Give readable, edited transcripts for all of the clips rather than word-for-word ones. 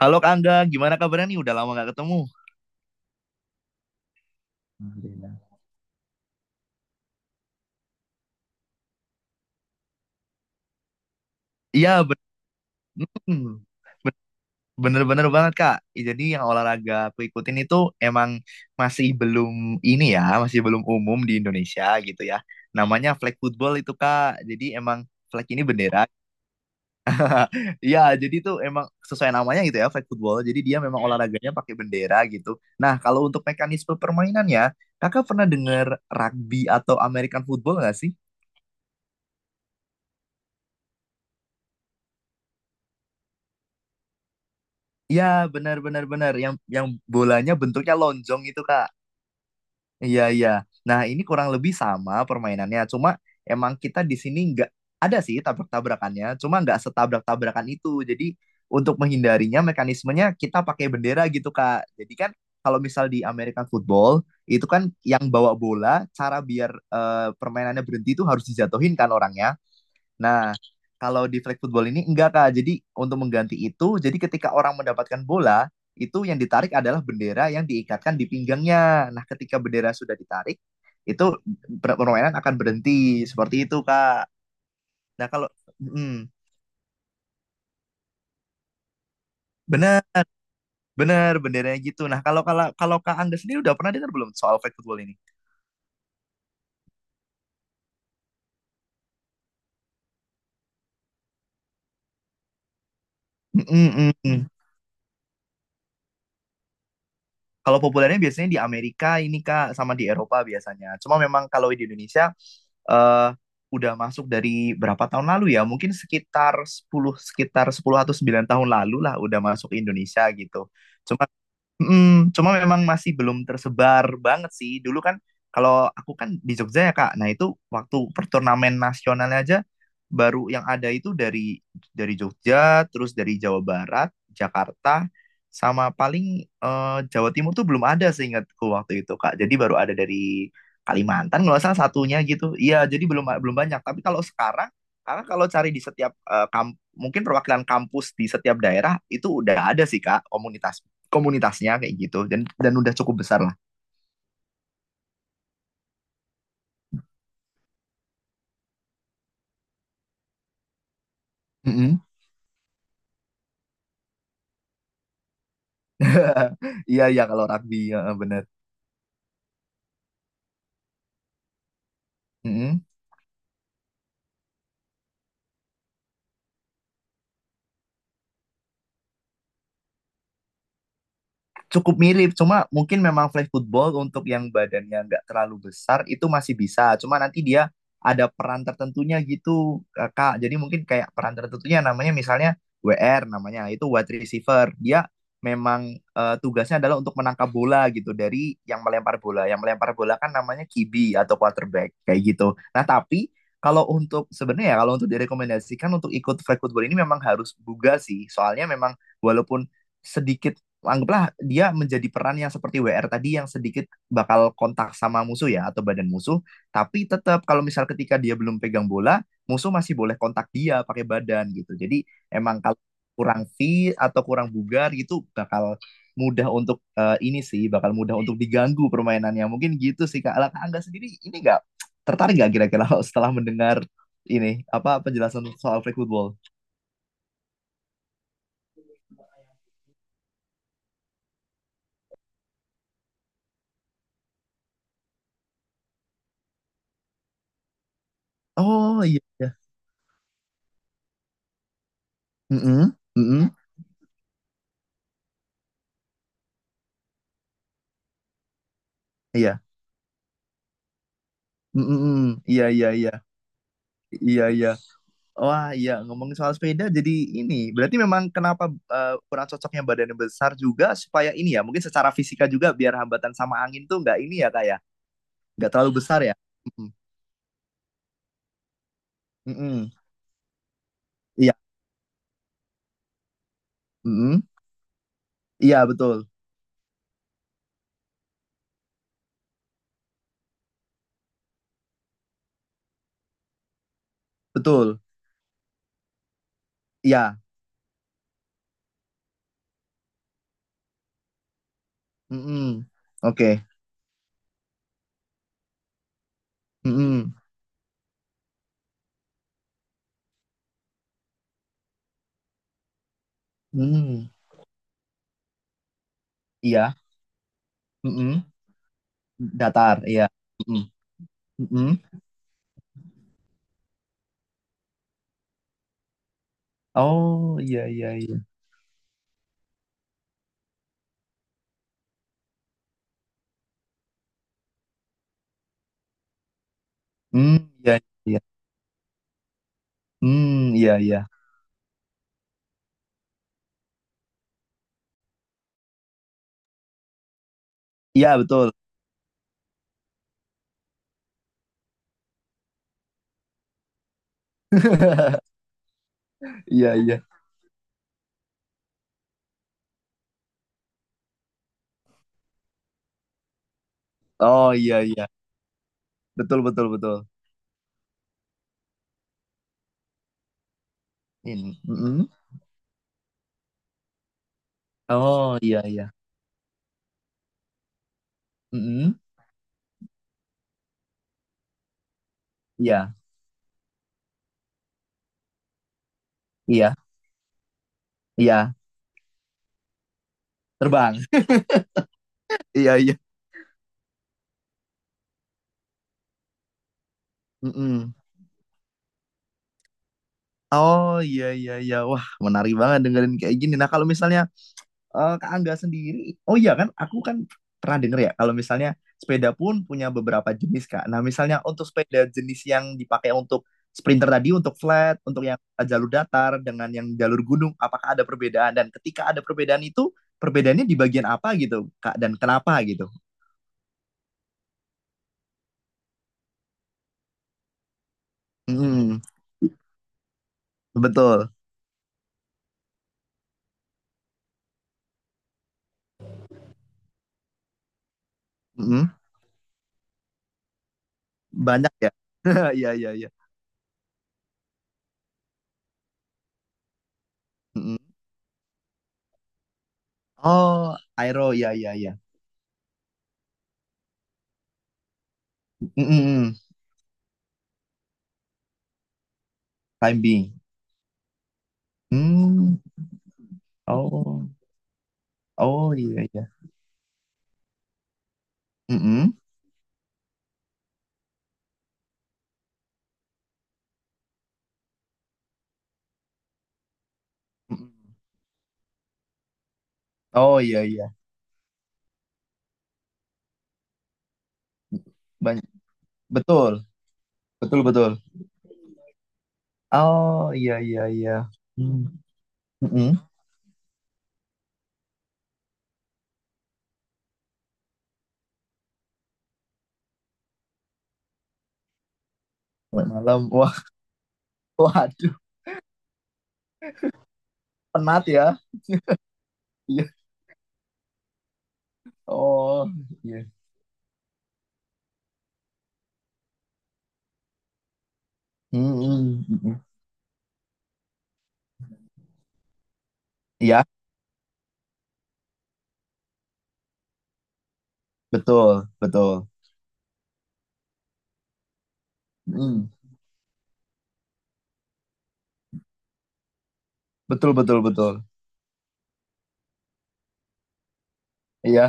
Halo Kak Angga, gimana kabarnya nih? Udah lama nggak ketemu. Alhamdulillah. Iya, hmm, ben- bener-bener banget Kak. Jadi yang olahraga aku ikutin itu emang masih belum masih belum umum di Indonesia gitu ya. Namanya flag football itu Kak. Jadi emang flag ini bendera. Iya, jadi itu emang sesuai namanya gitu ya, flag football. Jadi dia memang olahraganya pakai bendera gitu. Nah, kalau untuk mekanisme permainannya, Kakak pernah dengar rugby atau American football nggak sih? Iya, benar benar benar. Yang bolanya bentuknya lonjong itu, Kak. Iya, iya. Nah, ini kurang lebih sama permainannya. Cuma emang kita di sini nggak ada sih tabrak-tabrakannya, cuma nggak setabrak-tabrakan itu. Jadi untuk menghindarinya mekanismenya kita pakai bendera gitu, Kak. Jadi kan kalau misal di American football itu kan yang bawa bola, cara biar permainannya berhenti itu harus dijatuhin kan orangnya. Nah, kalau di flag football ini enggak Kak. Jadi untuk mengganti itu, jadi ketika orang mendapatkan bola, itu yang ditarik adalah bendera yang diikatkan di pinggangnya. Nah, ketika bendera sudah ditarik, itu permainan akan berhenti. Seperti itu, Kak. Nah, kalau mm, benar, benar benderanya gitu. Nah, kalau kalau kalau Kak Angga sendiri udah pernah dengar belum soal flag football ini? Mm, mm, mm. Kalau populernya biasanya di Amerika ini Kak, sama di Eropa biasanya. Cuma memang kalau di Indonesia eh udah masuk dari berapa tahun lalu ya? Mungkin sekitar 10 atau 9 tahun lalu lah udah masuk Indonesia gitu. Cuma cuma memang masih belum tersebar banget sih. Dulu kan kalau aku kan di Jogja ya Kak. Nah itu waktu perturnamen nasionalnya aja baru yang ada itu dari Jogja, terus dari Jawa Barat, Jakarta, sama paling Jawa Timur tuh belum ada seingatku waktu itu Kak. Jadi baru ada dari Kalimantan nggak salah satunya gitu. Iya jadi belum belum banyak. Tapi kalau sekarang karena kalau cari di setiap mungkin perwakilan kampus di setiap daerah itu udah ada sih Kak komunitasnya kayak gitu dan udah cukup besar lah. Mm-mm. Iya mm-hmm. iya ya, kalau rugby ya, benar. Mm-mm. Cukup mirip, cuma mungkin memang flag football untuk yang badannya nggak terlalu besar itu masih bisa. Cuma nanti dia ada peran tertentunya gitu, Kak. Jadi mungkin kayak peran tertentunya namanya misalnya WR namanya, itu wide receiver. Dia memang tugasnya adalah untuk menangkap bola gitu dari yang melempar bola. Yang melempar bola kan namanya QB atau quarterback kayak gitu. Nah, tapi kalau untuk sebenarnya ya kalau untuk direkomendasikan untuk ikut flag football ini memang harus buga sih. Soalnya memang walaupun sedikit anggaplah dia menjadi peran yang seperti WR tadi yang sedikit bakal kontak sama musuh ya atau badan musuh, tapi tetap kalau misal ketika dia belum pegang bola, musuh masih boleh kontak dia pakai badan gitu. Jadi emang kalau kurang fit atau kurang bugar gitu bakal mudah untuk diganggu permainannya. Mungkin gitu sih Kak. Lah, Kak Angga sendiri ini nggak tertarik nggak kira-kira setelah mendengar ini apa penjelasan soal flag football? Oh iya, iya. Mm-mm, mm-mm, iya. Mhm, mhm. Iya iya iya. Iya iya. Wah, iya ngomongin soal sepeda jadi ini. Berarti memang kenapa kurang cocoknya badannya besar juga supaya ini ya, mungkin secara fisika juga biar hambatan sama angin tuh nggak ini ya Kak ya. Nggak terlalu besar ya. Mhm. Mhm. Iya. Mhm. Iya betul. Betul. Iya. Mhm. Oke. Mhm. Mhm. Iya. Mhm. Datar, iya. Mhm. Mhm. Oh, iya iya iya. Hmm, iya iya, iya. Hmm, iya iya. Iya betul. Iya iya. Oh iya iya. Betul betul betul. Ini. Mm-mm. Oh iya iya. Mm-mm. Iya iya iya. Terbang. Iya iya. Mm-mm. Oh iya iya iya. Wah menarik banget dengerin kayak gini. Nah kalau misalnya Kak Angga sendiri, oh iya kan, aku kan pernah denger ya, kalau misalnya sepeda pun punya beberapa jenis, Kak. Nah, misalnya untuk sepeda jenis yang dipakai untuk sprinter tadi, untuk flat, untuk yang jalur datar, dengan yang jalur gunung, apakah ada perbedaan? Dan ketika ada perbedaan itu, perbedaannya di bagian apa gitu, Kak? Dan kenapa gitu? Mm, betul. Mm, banyak ya. Iya, iya, iya. Mm. Oh, aero, iya, iya, iya. Mm, mm, mm. Climbing. Hmm, oh, oh iya, iya. Mhm. Oh iya iya banyak betul betul betul oh iya iya iya hmm. Mhm. Sampai malam wah waduh penat ya iya oh iya Mhm, mhm, iya betul betul Mhm. Betul betul betul iya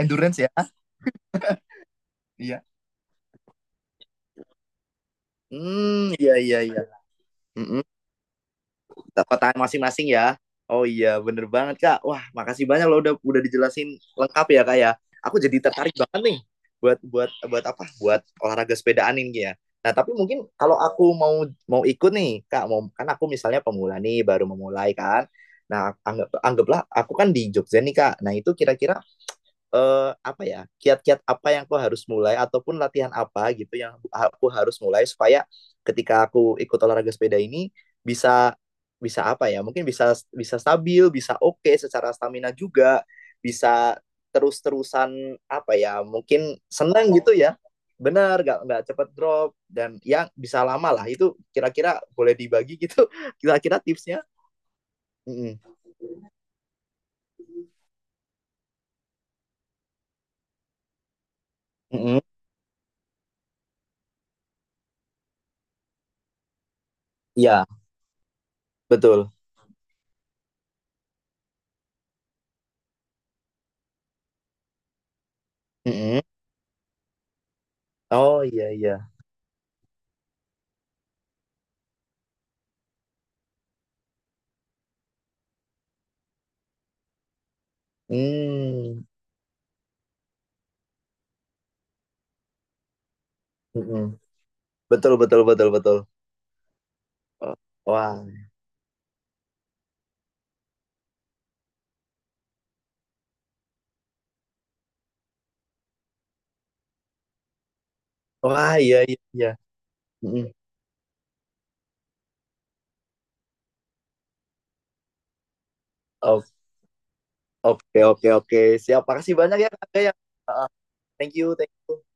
endurance ya iya hmm iya iya iya Mhm. Kota masing-masing ya. Oh iya, bener banget Kak. Wah, makasih banyak loh udah dijelasin lengkap ya Kak ya. Aku jadi tertarik banget nih buat buat buat apa? Buat olahraga sepedaan ini ya. Nah, tapi mungkin kalau aku mau mau ikut nih, Kak, mau kan aku misalnya pemula nih baru memulai kan. Nah, anggaplah aku kan di Jogja nih, Kak. Nah, itu kira-kira eh, apa ya kiat-kiat apa yang aku harus mulai ataupun latihan apa gitu yang aku harus mulai supaya ketika aku ikut olahraga sepeda ini bisa bisa apa ya mungkin bisa bisa stabil bisa oke secara stamina juga bisa terus-terusan apa ya mungkin senang gitu ya benar nggak cepet drop dan yang bisa lama lah itu kira-kira boleh dibagi gitu kira-kira tipsnya. Mm-mm. Mm-mm. Iya, betul. Mm-mm. Oh iya iya. Hmm. Mhm. Betul betul betul betul. Oh, wah, wah iya iya iya. Mhm. O oke oke oke. Siap, makasih banyak ya Kak, ya. Heeh, thank you, thank you.